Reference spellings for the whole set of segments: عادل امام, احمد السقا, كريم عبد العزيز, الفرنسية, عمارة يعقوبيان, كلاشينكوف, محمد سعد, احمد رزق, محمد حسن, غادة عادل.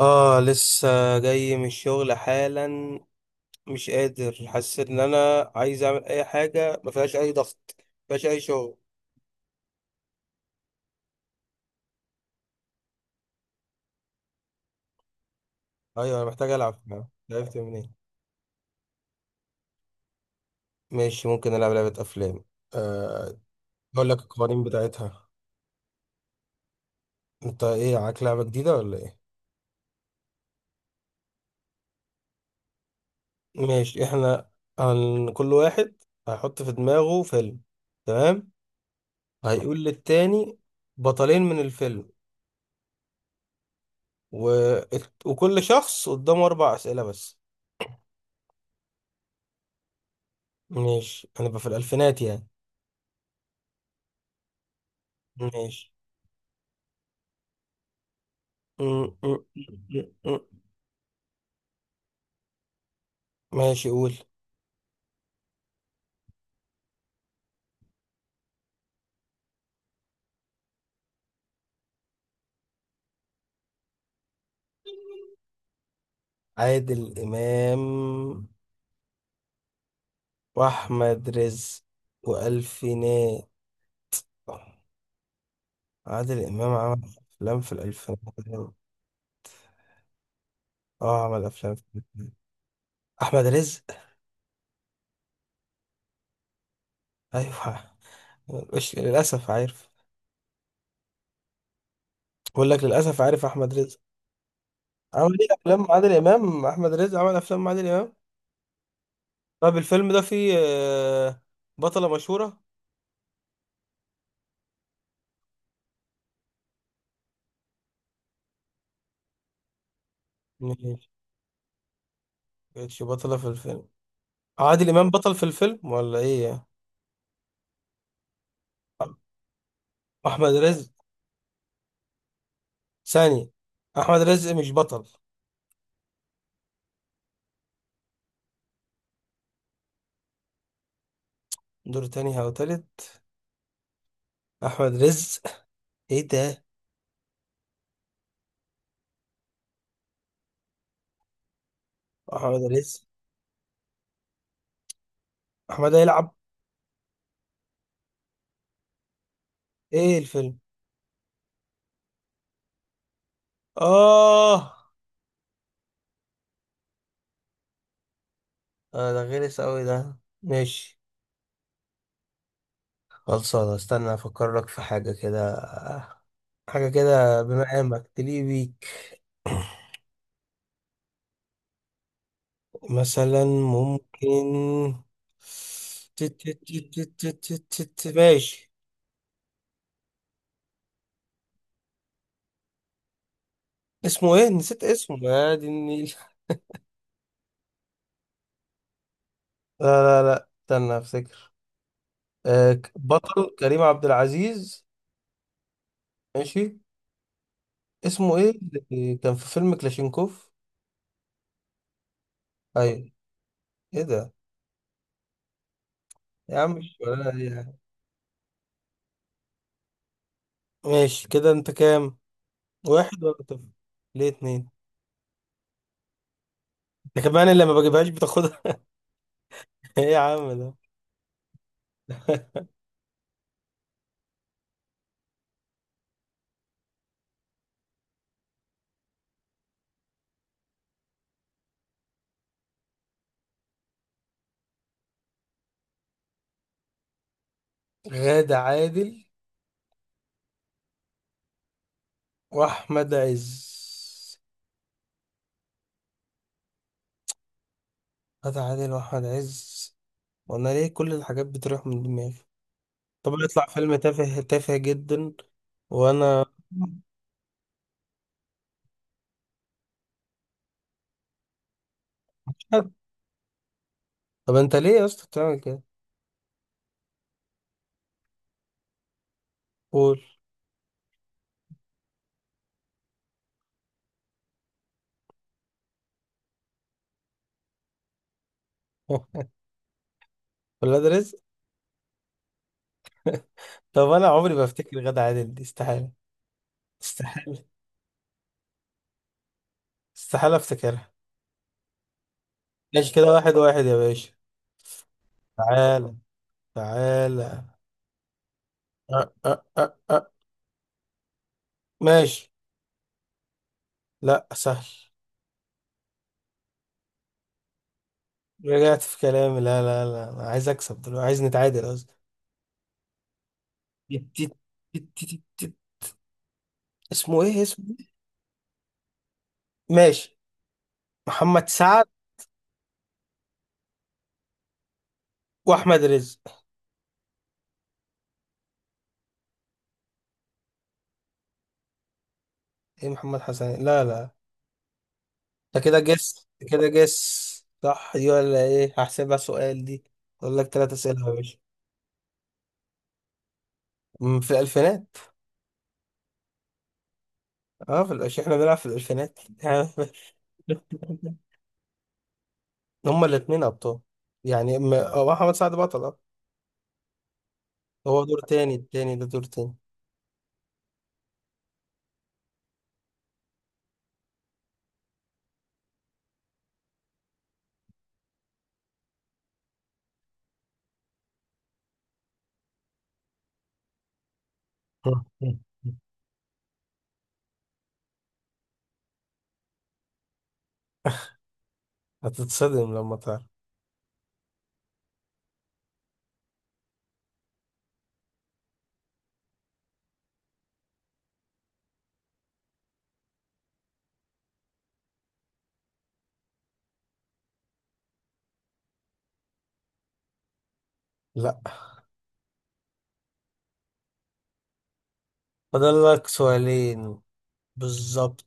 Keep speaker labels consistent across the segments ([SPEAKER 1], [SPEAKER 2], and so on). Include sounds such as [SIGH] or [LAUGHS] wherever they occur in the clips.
[SPEAKER 1] اه لسه جاي من الشغل حالا. مش قادر، حسيت ان انا عايز اعمل اي حاجه ما فيهاش اي ضغط، ما فيهاش اي شغل. ايوه انا محتاج العب. لعبت منين؟ ماشي، ممكن العب لعبه افلام. آه، اقول لك القوانين بتاعتها. انت ايه، معاك لعبه جديده ولا ايه؟ ماشي، احنا كل واحد هيحط في دماغه فيلم، تمام؟ هيقول للتاني بطلين من الفيلم و... وكل شخص قدامه اربع اسئله بس. ماشي انا بقى في الالفينات يعني. ماشي. م- م- م- م- ماشي قول. عادل امام واحمد رزق والفينات. عادل امام عمل افلام في الالفينات. اه عمل افلام في الالفينات. احمد رزق، ايوه. مش للاسف عارف. بقول لك للاسف عارف احمد رزق عمل ايه افلام مع عادل امام. احمد رزق عمل افلام مع عادل امام. طب الفيلم ده فيه بطلة مشهورة. ماشي، كانتش بطلة في الفيلم. عادل امام بطل في الفيلم ولا ايه؟ احمد رزق ثاني. احمد رزق مش بطل، دور تاني او تالت. احمد رزق. ايه ده؟ احمد رزق. احمد هيلعب. ايه الفيلم؟ اه آه، ده غلس اوي ده. ماشي، خلصانة. استنى افكر لك في حاجة كده، حاجة كده بمقامك تليق بيك. [CLEARS THROAT] مثلا ممكن. ماشي. اسمه ايه؟ نسيت اسمه، يا دي النيل. لا لا لا، استنى افتكر. بطل كريم عبد العزيز. ماشي. اسمه ايه اللي كان في فيلم كلاشينكوف؟ ايوه. ايه ده يا عم؟ مش ولا أي حاجة. ماشي، كده انت كام، واحد ولا طفل؟ ليه اتنين؟ ده كمان اللي ما بجيبهاش بتاخدها. [LAUGHS] ايه يا عم ده؟ [LAUGHS] غادة عادل واحمد عز. غادة عادل واحمد عز. وانا ليه كل الحاجات بتروح من دماغي؟ طب يطلع فيلم تافه تافه جدا. وانا، طب انت ليه يا اسطى بتعمل كده؟ قول. [LAUGHS] ولا ده رزق. طب انا عمري ما افتكر غادة عادل، دي استحالة، استحالة، استحالة افتكرها. ماشي كده واحد واحد يا باشا. تعالى، تعالى. أه أه أه أه. ماشي. لا، سهل. رجعت في كلامي، لا لا لا، انا عايز اكسب دلوقتي، عايز نتعادل قصدي. تيت- تيت- تيت- تيت- تيت. اسمه ايه؟ اسمه إيه؟ ماشي. محمد سعد واحمد رزق. ايه محمد حسن، لا لا. انت كده جس، كده جس. صح دي ولا ايه؟ هحسبها سؤال دي. اقول لك ثلاث اسئله يا باشا. في الالفينات. اه في الألفينات. احنا بنلعب في الالفينات. [LAUGHS] هما الاثنين ابطال. يعني هو محمد سعد بطل، اه. هو دور تاني، التاني ده دور تاني. [LAUGHS] هتتصدم لما تعرف. لا، فاضل لك سؤالين بالظبط.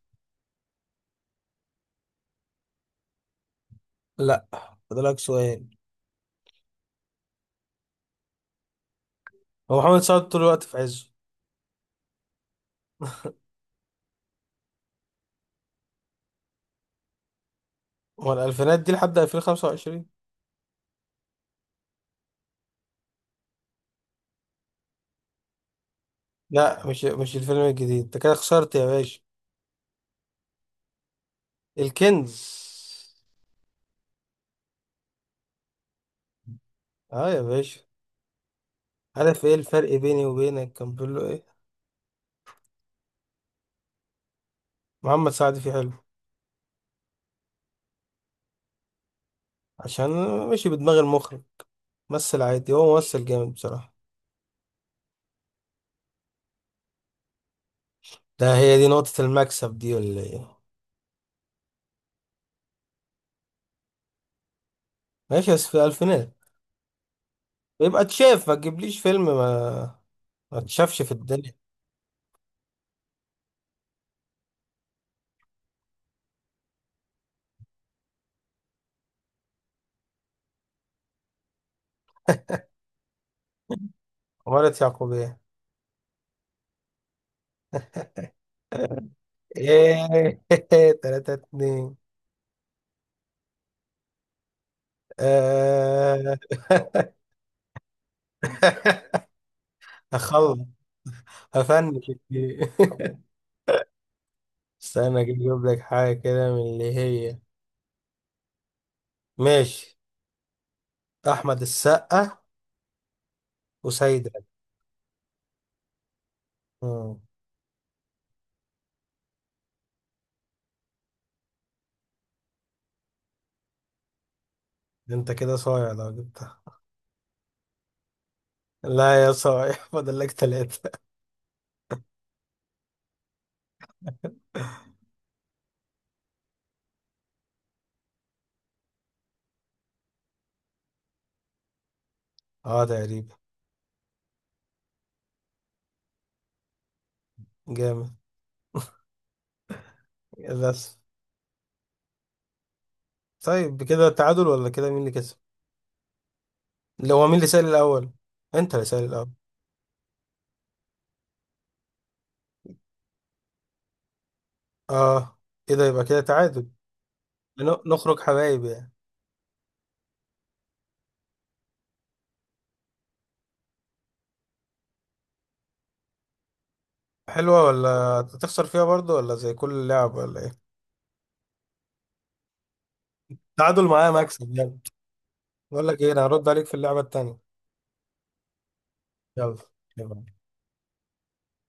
[SPEAKER 1] لا، فاضل لك سؤال. هو محمد سعد طول الوقت في عزه. هو الالفينات دي لحد 2025. لا، مش الفيلم الجديد، انت كده خسرت يا باشا. الكنز. اه يا باشا. عارف ايه الفرق بيني وبينك؟ كان بيقول له ايه؟ محمد سعد فيه حلو، عشان، ماشي بدماغ المخرج. ممثل عادي، هو ممثل جامد بصراحة. ده هي دي نقطة المكسب دي ولا ايه؟ ماشي بس في الفينات. يبقى اتشاف، ما تجيبليش فيلم ما ما اتشافش في الدنيا. عمارة يعقوبيان. ايه! [LAUGHS] تلاتة اتنين. آه. [LAUGHS] هخلص، هفنش الجيم. [LAUGHS] استنى كده اجيب لك حاجة كده من اللي هي. ماشي. احمد السقا وسيدة. مم. ده انت كده صايع لو جبتها. لا يا صايع. [LAUGHS] فاضل لك ثلاثة. اه تقريبا. جامد. بس. طيب كده تعادل ولا كده، مين اللي كسب؟ لو هو، مين اللي سال الاول؟ انت اللي سال الاول. اه، كده يبقى كده تعادل. نخرج حبايب يعني. حلوة، ولا تخسر فيها برضو ولا زي كل لعبة ولا ايه؟ تعادل معايا مكسب يعني. بقول لك ايه، انا هرد عليك في اللعبة التانية. يلا. يلا.